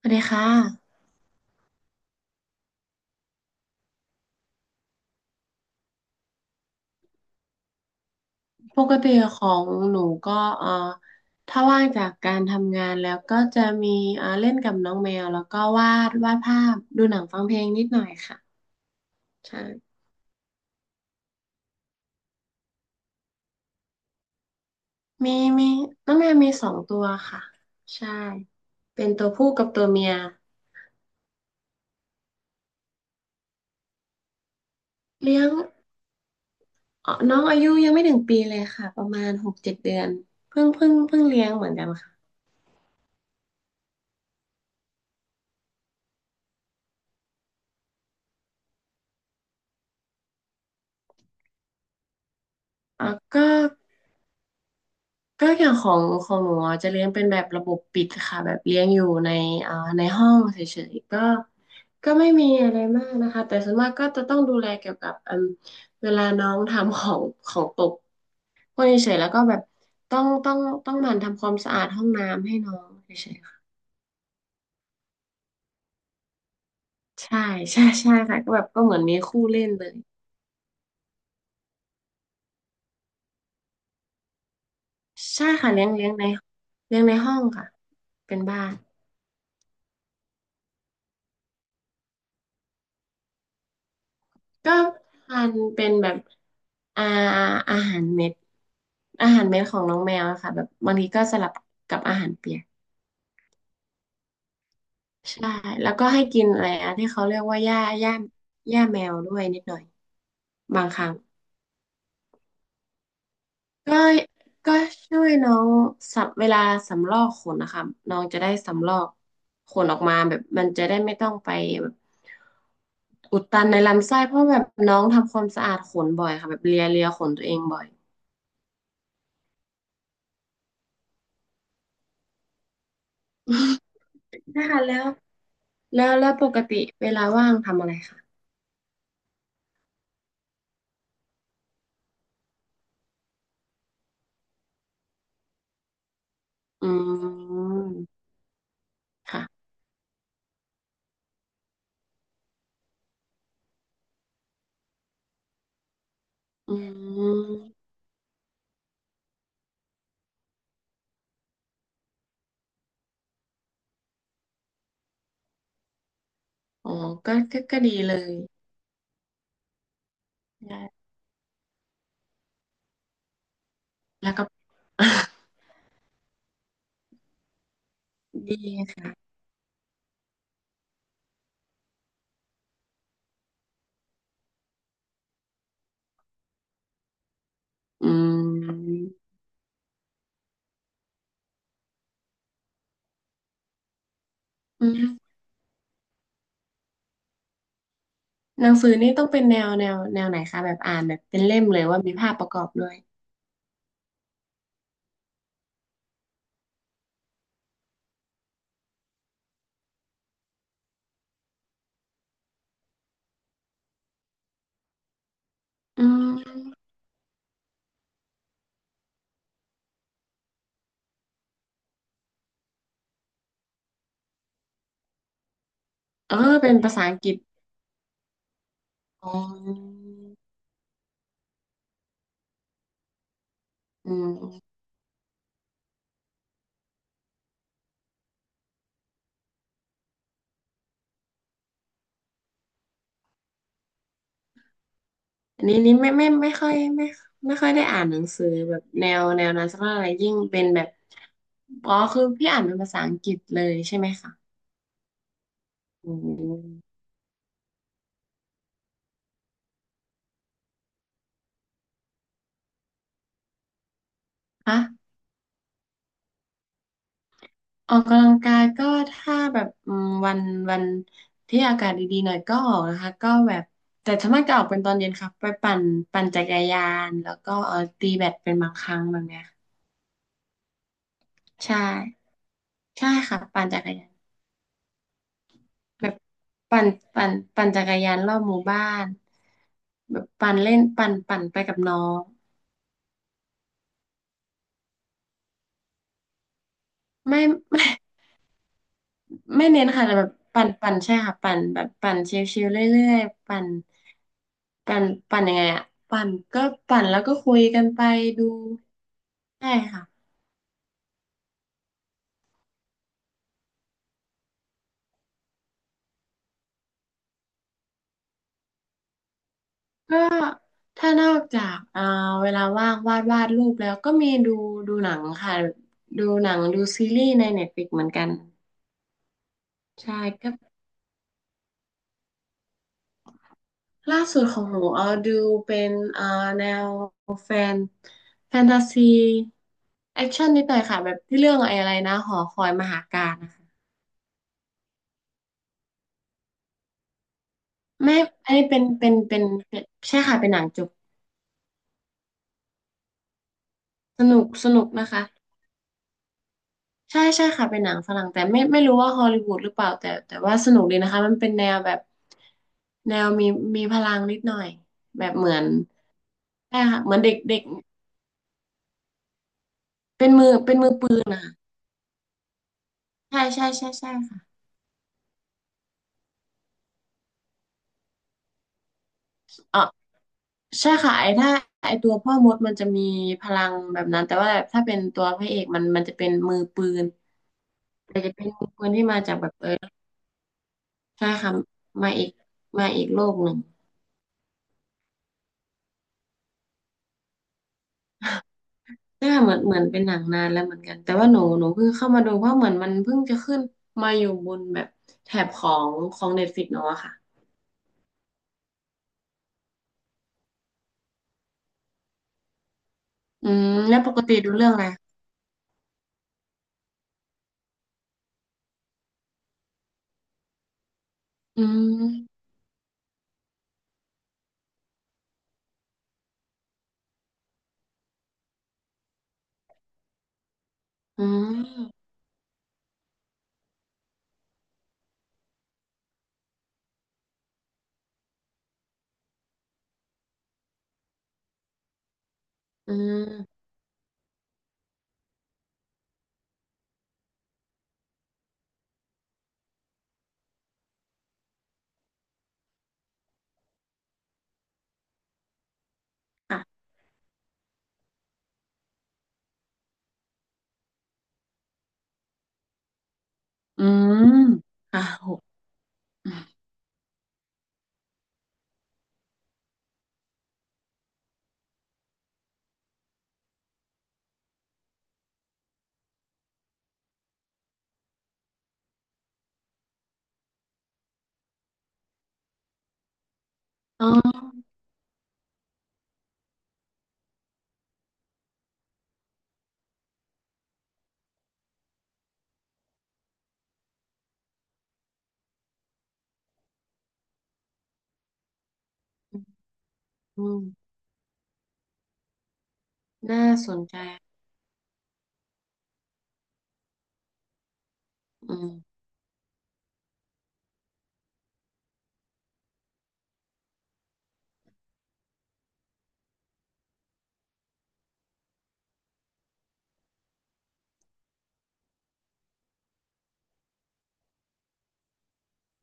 สวัสดีค่ะปกติของหนูก็เอ่อถ้าว่างจากการทำงานแล้วก็จะมีเล่นกับน้องแมวแล้วก็วาดภาพดูหนังฟังเพลงนิดหน่อยค่ะใช่มีมีน้องแมวมีสองตัวค่ะใช่เป็นตัวผู้กับตัวเมียเลี้ยงน้องอายุยังไม่ถึงปีเลยค่ะประมาณ6-7 เดือนเพิ่งเลี้ยงเหมือนกันค่ะอ่อก็ ก็อย่างของหนูอ่ะจะเลี้ยงเป็นแบบระบบปิดค่ะแบบเลี้ยงอยู่ในในห้องเฉยๆก็ไม่มีอะไรมากนะคะแต่ส่วนมากก็จะต้องดูแลเกี่ยวกับเวลาน้องทำของตกพวกนี้เฉยๆแล้วก็แบบต้องต้องต้องหมั่นทำความสะอาดห้องน้ำให้น้องเฉยๆค่ะใช่ใช่ใช่ค่ะก็แบบก็เหมือนมีคู่เล่นเลยใช่ค่ะเลี้ยงในห้องค่ะเป็นบ้าน ก็ทานเป็นแบบอาอาหารเม็ดอาหารเม็ดของน้องแมวอะค่ะแบบบางทีก็สลับกับอาหารเปียกใช่แล้วก็ให้กินอะไรอะที่เขาเรียกว่าหญ้าหญ้าแมวด้วยนิดหน่อยบางครั้งก็ก็ช่วยน้องสับเวลาสำรอกขนนะคะน้องจะได้สำรอกขนออกมาแบบมันจะได้ไม่ต้องไปแบบอุดตันในลำไส้เพราะแบบน้องทำความสะอาดขนบ่อยค่ะแบบเลียเลียขนตัวเองบ่อย นะคะแล้วปกติเวลาว่างทำอะไรคะอืมค่ะอืมอ๋อก็ดีเลยได้แล้วก็ ดีค่ะอืมอืมหนังสือนี่ต้องเป็นแนวไหนคะ แบบอ่านแบบเป็นเล่มเลยว่ามีภาพประกอบด้วยอืมเออเป็นภาษาอังกฤษอ๋ออืม อันนี้นี่ไม่ค่อยได้อ่านหนังสือแบบแนวนั้นสักเท่าไหร่ยิ่งเป็นแบบอ๋อคือพี่อ่านเป็นภาษาอังกฤษเลยใช่ไหมคะอืมคะออกกำลังกายก็ถ้าแบบวันที่อากาศดีๆหน่อยก็ออกนะคะก็แบบแต่ส่วนมากจะออกเป็นตอนเย็นครับไปปั่นจักรยานแล้วก็เออตีแบดเป็นบางครั้งแบบเนี้ยใช่ใช่ค่ะปั่นจักรยาน แบบปั่นปั่นจักรยานรอบหมู่บ้านแบบปั่นเล่นปั่นไปกับน้องไม่ไม่ไม่เน้นค่ะแต่แบบปั่นใช่ค่ะปั่นแบบปั่นชิลๆเรื่อยๆปั่นปั่นยังไงอะปั่นก็ปั่นแล้วก็คุยกันไปดูใช่ค่ะก็ถ้านอกจากเวลาว่างวาดรูปแล้วก็มีดูหนังค่ะดูหนังดูซีรีส์ในเน็ตฟลิกเหมือนกันใช่ ล่าสุดของหนูดูเป็นแนวแฟนแฟนตาซีแอคชั่นนิดหน่อยค่ะแบบที่เรื่องไอ้อะไรนะหอคอยมหาการนะคะไม่อันนี้เป็นใช่ค่ะเป็นหนังจบสนุกสนุกนะคะใช่ใช่ค่ะเป็นหนังฝรั่งแต่ไม่รู้ว่าฮอลลีวูดหรือเปล่าแต่แต่ว่าสนุกดีนะคะมันเป็นแนวแบบแนวมีพลังนิดหน่อยแบบเหมือนใช่ค่ะเหมือนเด็กเด็กเป็นมือปืนใช่ใช่ใช่ใช่ค่ะเออ ใช่ค่ะไอ้ตัวพ่อมดมันจะมีพลังแบบนั้นแต่ว่าถ้าเป็นตัวพระเอกมันจะเป็นมือปืนแต่จะเป็นมือปืนที่มาจากแบบเออใช่ค่ะมาอีกมาอีกโลกหนึ่งใช่ค่ะเหมือนเป็นหนังนานแล้วเหมือนกันแต่ว่าหนูเพิ่งเข้ามาดูเพราะเหมือนมันเพิ่งจะขึ้นมาอยู่บนแบบแถบของเน็ตฟลิกซ์เนาะค่ะอืมแล้วปกติดูเรื่องอะไรอืมอืมอืมค่ะอืมค่ะหกอมอ๋ออืมน่าสนใจ อืม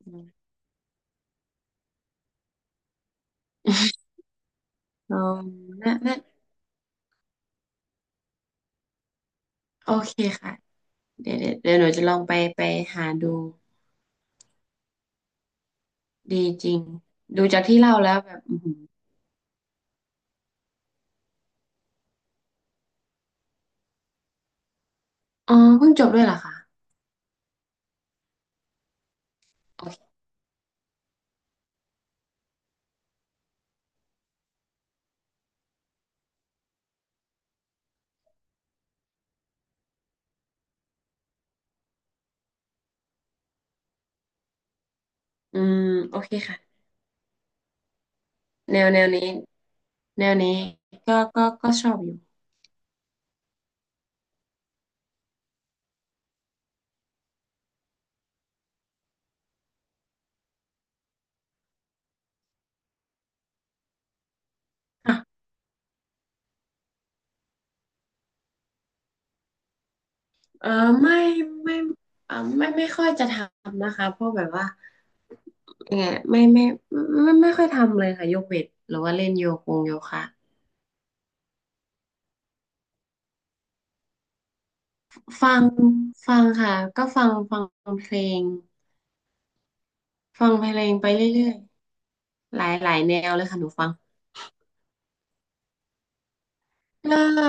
อืมลองนะนะโอเคค่ะ เดี๋ยวเดี๋ยวเดี๋ยวหนูจะลองไปหาดูดีจริงดูจากที่เล่าแล้วแบบอือหืออ๋อเพิ่งจบด้วยเหรอคะโอเคอืมโอเคค่ะแนวนี้แนวนี้ก็ชอบอยู่ค่ะเออไม่ไม่ไม่ค่อยจะทำนะคะเพราะแบบว่ายังไงไม่ไม่ไม่ค่อยทำเลยค่ะยกเวทหรือว่าเล่นโยกงโยคะฟังฟังค่ะก็ฟังเพลง ฟังเพลงไปเรื่อยๆ หลายหลายแนวเลยค่ะหนูฟังก็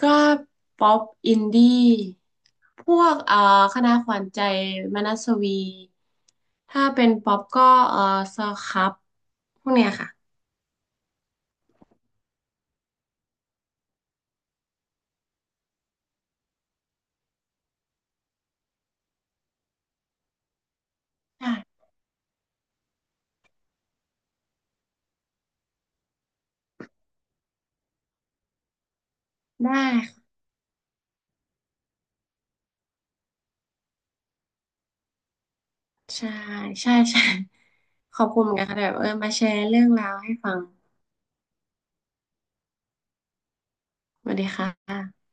ก็ป๊อปอินดี้พวกคณะขวัญใจมนัสวี ถ้าเป็นป๊อปก็เอ่อสครับพวกเนี้ยค่ะได้ได้ค่ะใช่ใช่ ใช่ ขอบคุณเหมือนกันค่ะที่แบบเออมาแชร์เรื่องราวให้ฟังสวัสดีค่ะ